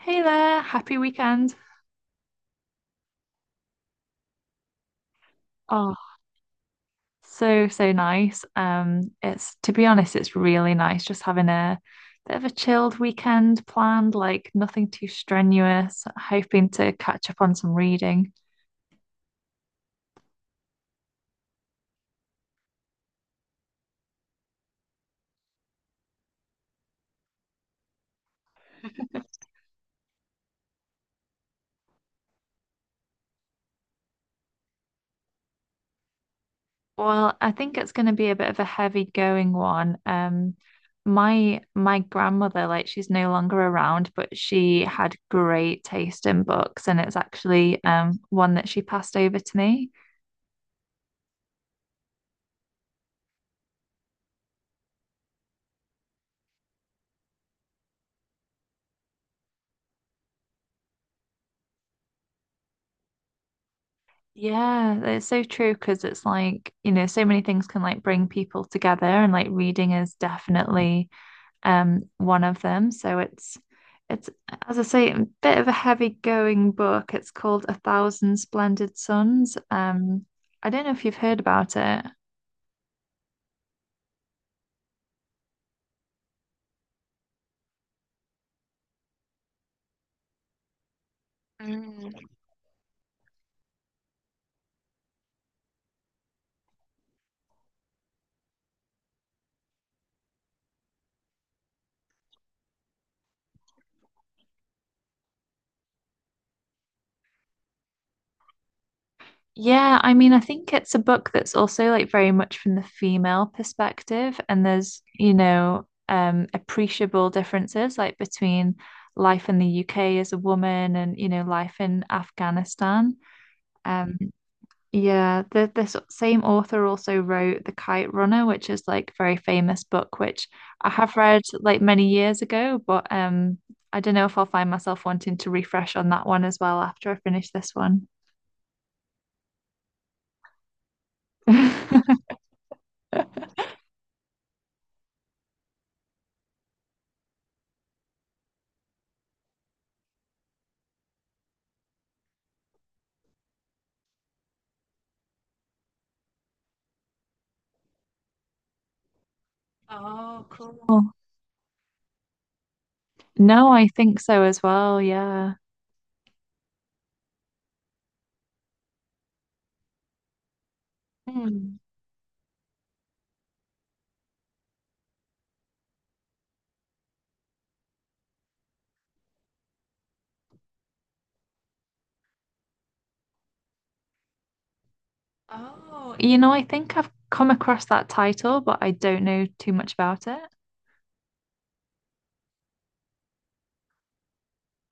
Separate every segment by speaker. Speaker 1: Hey there, happy weekend. Oh, so nice. It's to be honest, it's really nice just having a bit of a chilled weekend planned, like nothing too strenuous, hoping to catch up on some reading. Well, I think it's going to be a bit of a heavy going one. My grandmother, like she's no longer around, but she had great taste in books, and it's actually one that she passed over to me. Yeah, it's so true because it's like, you know, so many things can like bring people together and like reading is definitely one of them. So it's as I say, a bit of a heavy going book. It's called A Thousand Splendid Suns. I don't know if you've heard about it. Yeah, I mean, I think it's a book that's also like very much from the female perspective, and there's, you know, appreciable differences like between life in the UK as a woman and, you know, life in Afghanistan. Um, yeah, the this same author also wrote The Kite Runner, which is like very famous book, which I have read like many years ago, but I don't know if I'll find myself wanting to refresh on that one as well after I finish this one. Oh, cool. Oh, no, I think so as well. Yeah. Hmm. Oh, you know, I think I've come across that title, but I don't know too much about it.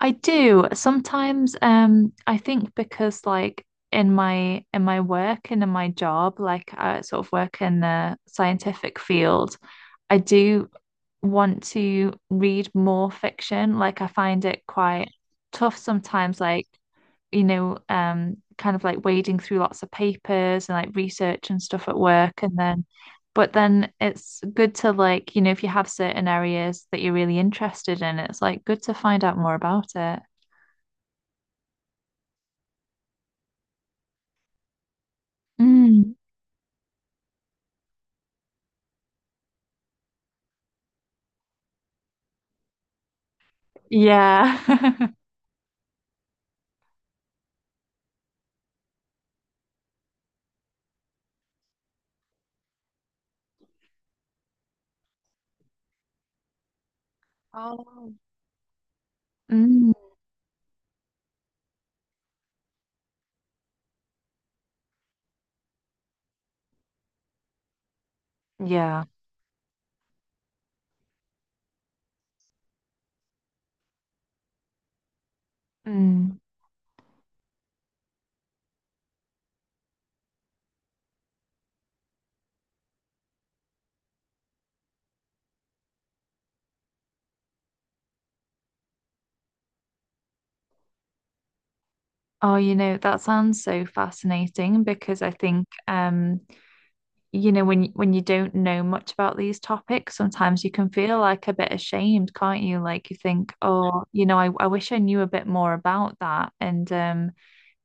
Speaker 1: I do sometimes. I think because like in my work and in my job, like I sort of work in the scientific field, I do want to read more fiction. Like I find it quite tough sometimes. Like you know, kind of like wading through lots of papers and like research and stuff at work. And then, but then it's good to like, you know, if you have certain areas that you're really interested in, it's like good to find out more about it. Mm, yeah. Oh, mm, yeah. Mm. Oh, you know, that sounds so fascinating because I think you know, when you don't know much about these topics, sometimes you can feel like a bit ashamed, can't you? Like you think, oh, you know, I wish I knew a bit more about that. And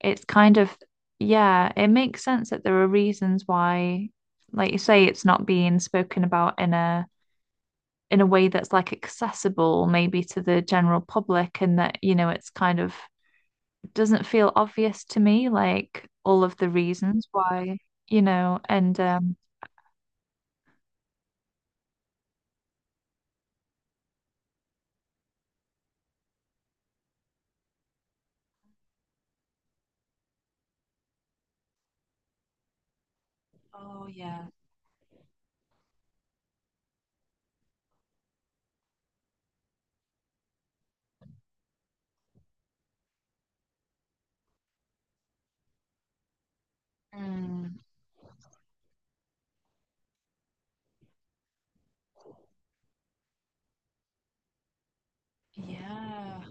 Speaker 1: it's kind of, yeah, it makes sense that there are reasons why, like you say, it's not being spoken about in a way that's like accessible maybe to the general public, and that, you know, it's kind of doesn't feel obvious to me, like all of the reasons why, you know, and oh, yeah. Mm, yeah.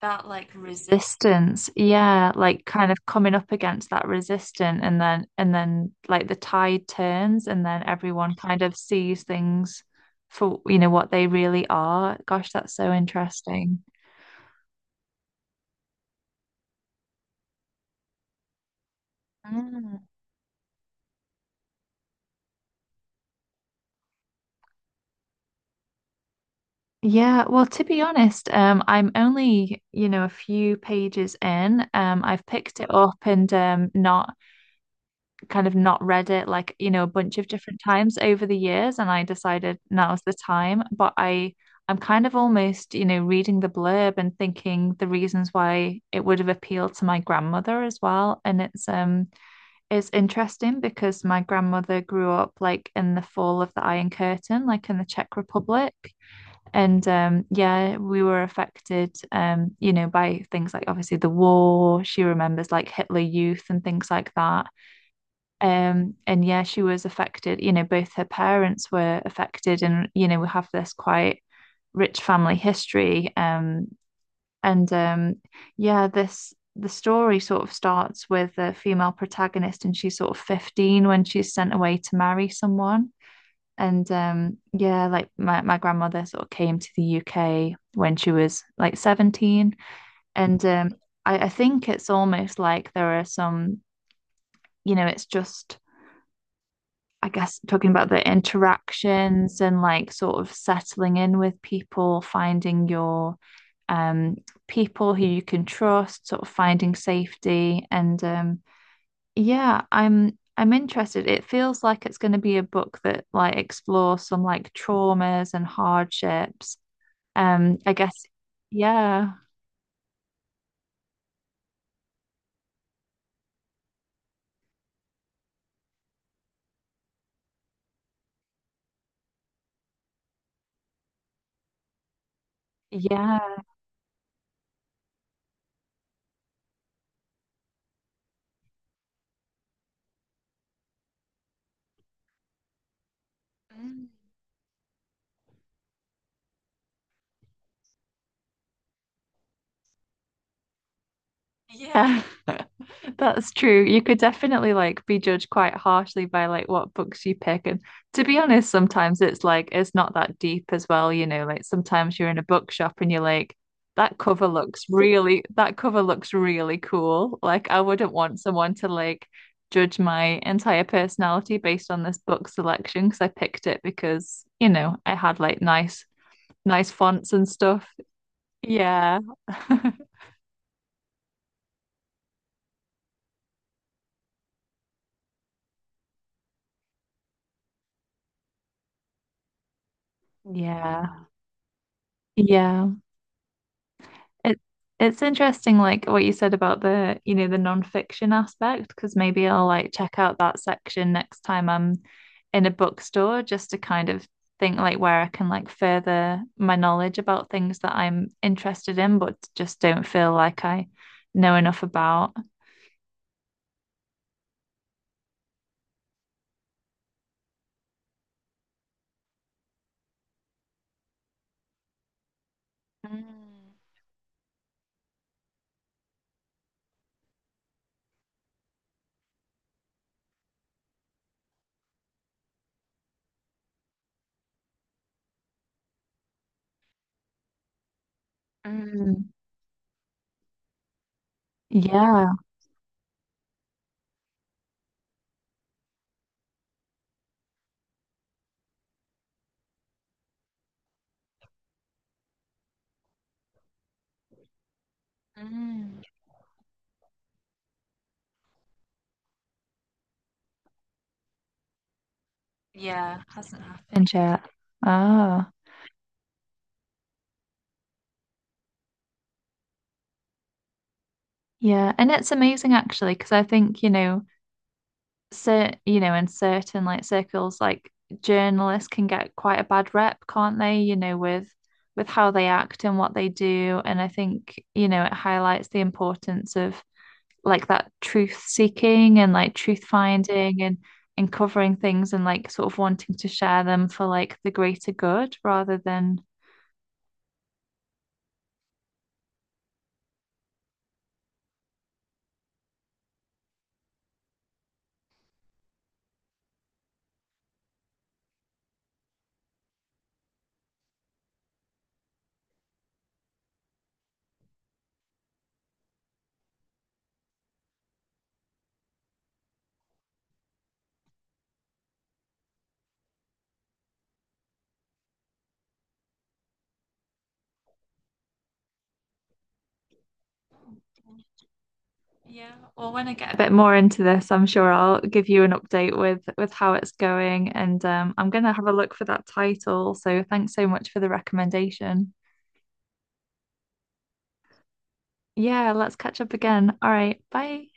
Speaker 1: That like resistance. Yeah, like kind of coming up against that resistance and then like the tide turns and then everyone kind of sees things for you know what they really are. Gosh, that's so interesting. Mm. Yeah, well, to be honest, I'm only, you know, a few pages in. I've picked it up and not kind of not read it like, you know, a bunch of different times over the years, and I decided now's the time. But I'm kind of almost, you know, reading the blurb and thinking the reasons why it would have appealed to my grandmother as well. And it's it's interesting because my grandmother grew up like in the fall of the Iron Curtain, like in the Czech Republic. And yeah, we were affected, you know, by things like obviously the war. She remembers like Hitler Youth and things like that, and yeah, she was affected, you know, both her parents were affected, and you know, we have this quite rich family history. And Yeah, this the story sort of starts with a female protagonist and she's sort of 15 when she's sent away to marry someone. And Yeah, like my grandmother sort of came to the UK when she was like 17. And I think it's almost like there are some, you know, it's just, I guess, talking about the interactions and like sort of settling in with people, finding your um, people who you can trust, sort of finding safety. And yeah, I'm interested. It feels like it's going to be a book that like explores some like traumas and hardships. I guess, yeah, yeah, mm, yeah. That's true. You could definitely like be judged quite harshly by like what books you pick. And to be honest, sometimes it's like it's not that deep as well, you know, like sometimes you're in a bookshop and you're like, that cover looks really that cover looks really cool. Like I wouldn't want someone to like judge my entire personality based on this book selection because I picked it because, you know, I had like nice fonts and stuff. Yeah. Yeah. Yeah. It it's interesting, like what you said about the, you know, the nonfiction aspect, because maybe I'll like check out that section next time I'm in a bookstore just to kind of think like where I can like further my knowledge about things that I'm interested in, but just don't feel like I know enough about. Mm, mm, yeah. Mm. Yeah, hasn't happened yet. Chat. Oh, yeah. And it's amazing actually, because I think, you know, so you know, in certain like circles, like journalists can get quite a bad rep, can't they? You know, with how they act and what they do. And I think, you know, it highlights the importance of like that truth seeking and like truth finding and covering things and like sort of wanting to share them for like the greater good rather than yeah, well, when I get a bit more into this, I'm sure I'll give you an update with how it's going, and I'm gonna have a look for that title. So thanks so much for the recommendation. Yeah, let's catch up again. All right, bye.